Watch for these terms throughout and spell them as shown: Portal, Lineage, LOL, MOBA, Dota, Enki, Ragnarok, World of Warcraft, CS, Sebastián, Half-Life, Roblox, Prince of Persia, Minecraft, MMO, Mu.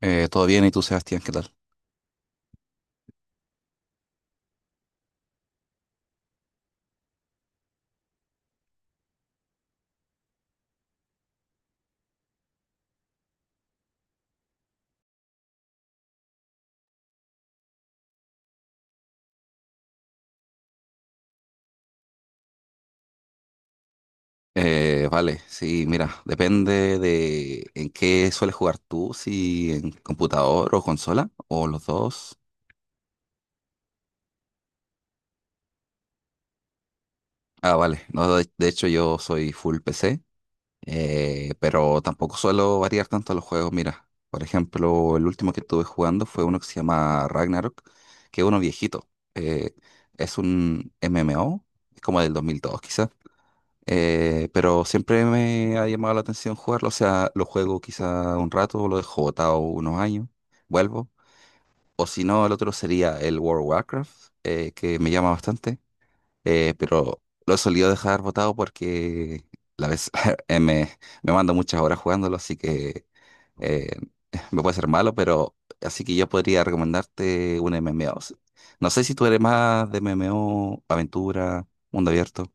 Todo bien, ¿y tú, Sebastián, qué tal? Vale, sí, mira, depende de en qué sueles jugar tú, si en computador o consola, o los dos. Ah, vale. No, de hecho yo soy full PC, pero tampoco suelo variar tanto los juegos. Mira, por ejemplo, el último que estuve jugando fue uno que se llama Ragnarok, que es uno viejito. Eh, es un MMO, es como del 2002 quizás, pero siempre me ha llamado la atención jugarlo. O sea, lo juego quizá un rato, lo dejo botado unos años, vuelvo. O si no, el otro sería el World of Warcraft, que me llama bastante, pero lo he solido dejar botado porque la vez eh, me, me mando muchas horas jugándolo, así que eh, me puede ser malo, pero así que yo podría recomendarte un MMO. No sé si tú eres más de MMO, aventura, mundo abierto.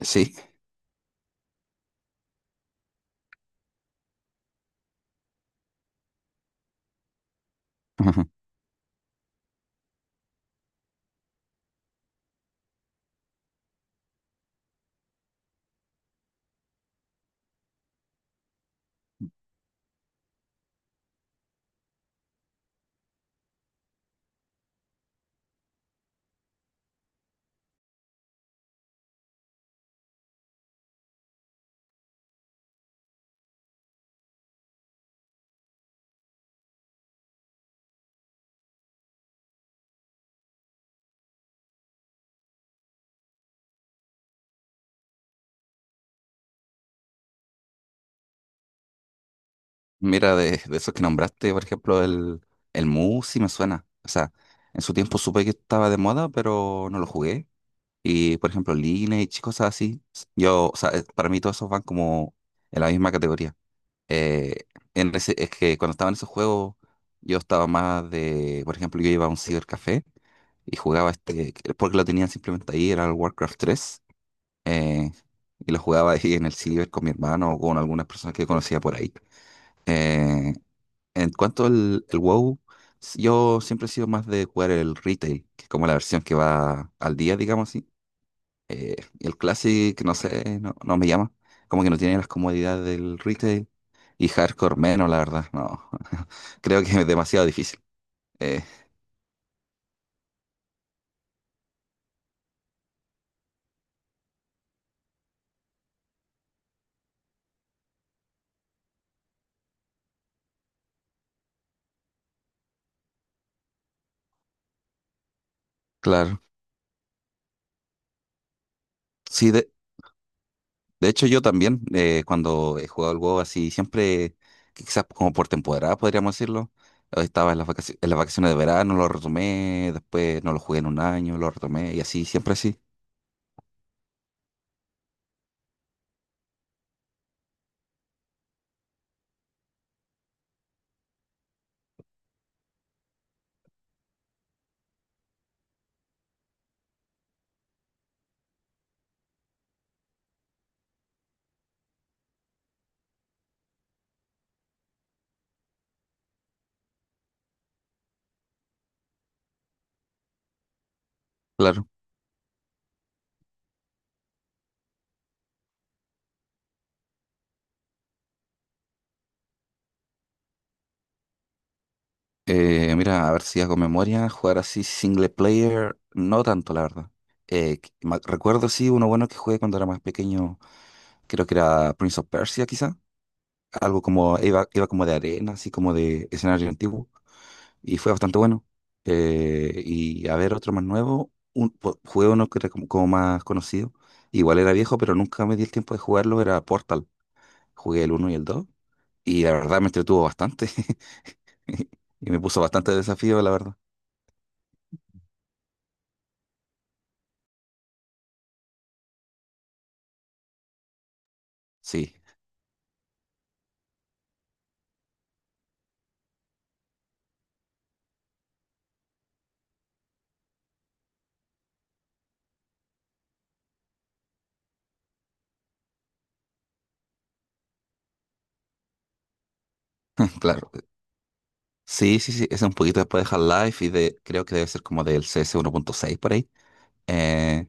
Sí. Mira, de esos que nombraste, por ejemplo, el Mu sí me suena. O sea, en su tiempo supe que estaba de moda, pero no lo jugué. Y, por ejemplo, Lineage y cosas así. Yo, o sea, para mí todos esos van como en la misma categoría. Eh, es que cuando estaba en esos juegos, yo estaba más de, por ejemplo, yo iba a un cibercafé y jugaba este, porque lo tenían simplemente ahí, era el Warcraft tres, eh, y lo jugaba ahí en el ciber con mi hermano o con algunas personas que conocía por ahí. Eh, en cuanto al el WoW, yo siempre he sido más de jugar el retail, que es como la versión que va al día, digamos así, y el Classic, no sé, no, no me llama. Como que no tiene las comodidades del retail. Y hardcore menos, la verdad, no. Creo que es demasiado difícil. Eh, claro. Sí, de hecho yo también, cuando he jugado al WoW así, siempre, quizás como por temporada, podríamos decirlo. Estaba en las vacaciones de verano, lo retomé, después no lo jugué en un año, lo retomé, y así, siempre así. Claro. Mira, a ver si hago memoria, jugar así single player, no tanto, la verdad. Recuerdo sí uno bueno que jugué cuando era más pequeño, creo que era Prince of Persia quizá, algo como, iba como de arena, así como de escenario antiguo, y fue bastante bueno. Y a ver, otro más nuevo, jugué uno que era como, como más conocido, igual era viejo, pero nunca me di el tiempo de jugarlo, era Portal, jugué el uno y el 2. Y la verdad me entretuvo bastante, y me puso bastante desafío, la verdad. Sí. Claro. Sí, sí, sí. Ese es un poquito después de Half-Life y de, creo que debe ser como del CS 1.6 por ahí. Eh,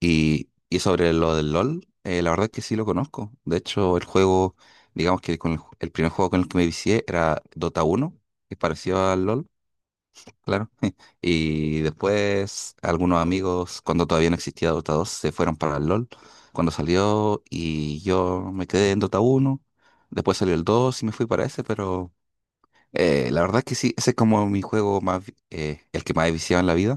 y, sobre lo del LOL, la verdad es que sí lo conozco. De hecho, digamos que con el primer juego con el que me vicié era Dota 1, que es parecido al LOL, claro. Y después algunos amigos, cuando todavía no existía Dota 2, se fueron para el LOL cuando salió y yo me quedé en Dota 1. Después salió el 2 y me fui para ese, pero... La verdad que sí, ese es como mi juego más, el que más he viciado en la vida,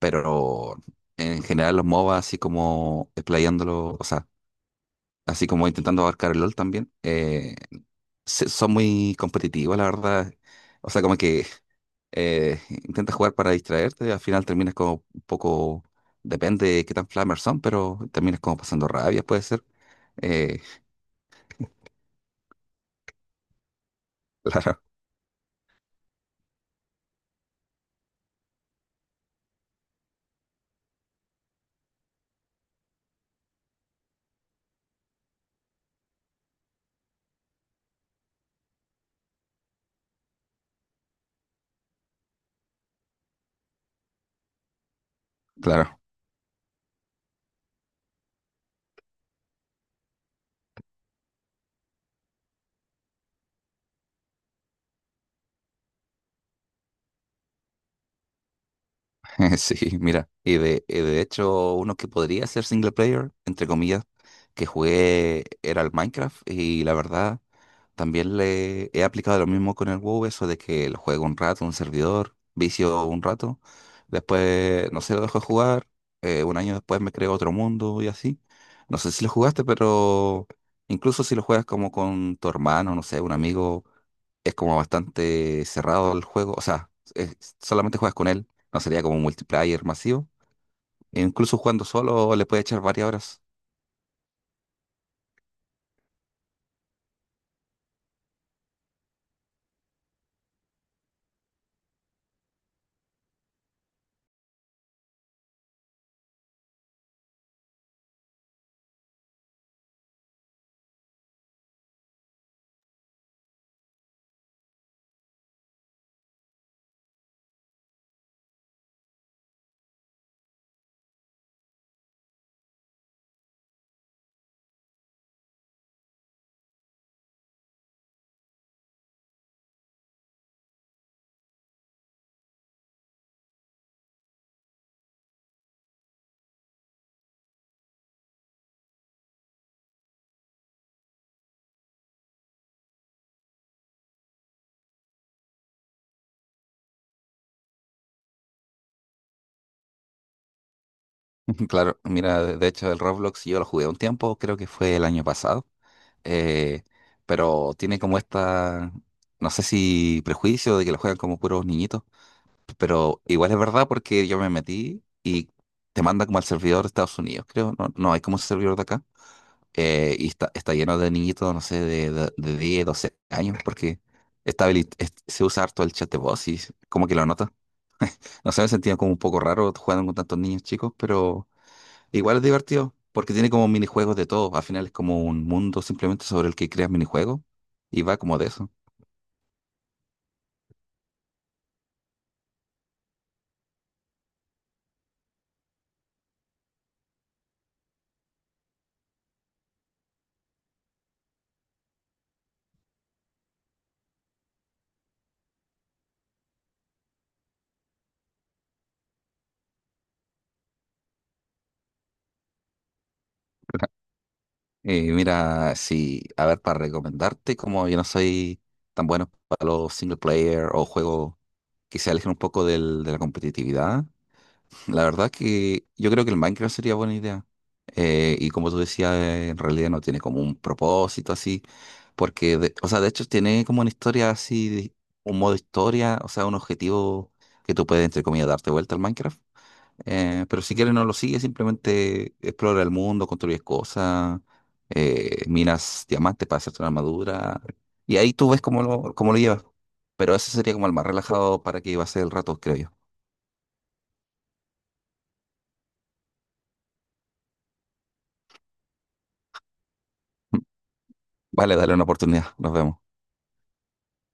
pero en general los MOBA así como explayándolo, o sea, así como intentando abarcar el LOL también, son muy competitivos, la verdad. O sea, como que intentas jugar para distraerte y al final terminas como un poco, depende de qué tan flamers son, pero terminas como pasando rabia, puede ser. Eh, claro, claro. Sí, mira, y de hecho uno que podría ser single player, entre comillas, que jugué era el Minecraft y la verdad también le he aplicado lo mismo con el WoW, eso de que lo juego un rato, un servidor, vicio un rato, después, no sé, lo dejo de jugar, un año después me creo otro mundo y así. No sé si lo jugaste, pero incluso si lo juegas como con tu hermano, no sé, un amigo, es como bastante cerrado el juego, solamente juegas con él, no sería como un multiplayer masivo. E incluso jugando solo le puede echar varias horas. Claro, mira, de hecho el Roblox yo lo jugué un tiempo, creo que fue el año pasado. eh, pero tiene como esta, no sé si prejuicio de que lo juegan como puros niñitos, pero igual es verdad porque yo me metí y te manda como al servidor de Estados Unidos, creo, no, no hay como un servidor de acá, y está lleno de niñitos, no sé, de 10, 12 años, porque se usa harto el chat de voz y como que lo nota. No sé, me sentía como un poco raro jugando con tantos niños chicos, pero... Igual es divertido, porque tiene como minijuegos de todo. Al final es como un mundo simplemente sobre el que creas minijuegos y va como de eso. Mira, sí, a ver, para recomendarte, como yo no soy tan bueno para los single player o juegos que se alejen un poco de la competitividad, la verdad que yo creo que el Minecraft sería buena idea. Y como tú decías, en realidad no tiene como un propósito así, o sea, de hecho tiene como una historia así, un modo historia, o sea, un objetivo que tú puedes, entre comillas, darte vuelta al Minecraft. Pero si quieres no lo sigue, simplemente explora el mundo, construyes cosas, minas diamantes para hacerte una armadura, y ahí tú ves cómo lo llevas. Pero ese sería como el más relajado para que iba a ser el rato, creo yo. Vale, dale una oportunidad, nos vemos.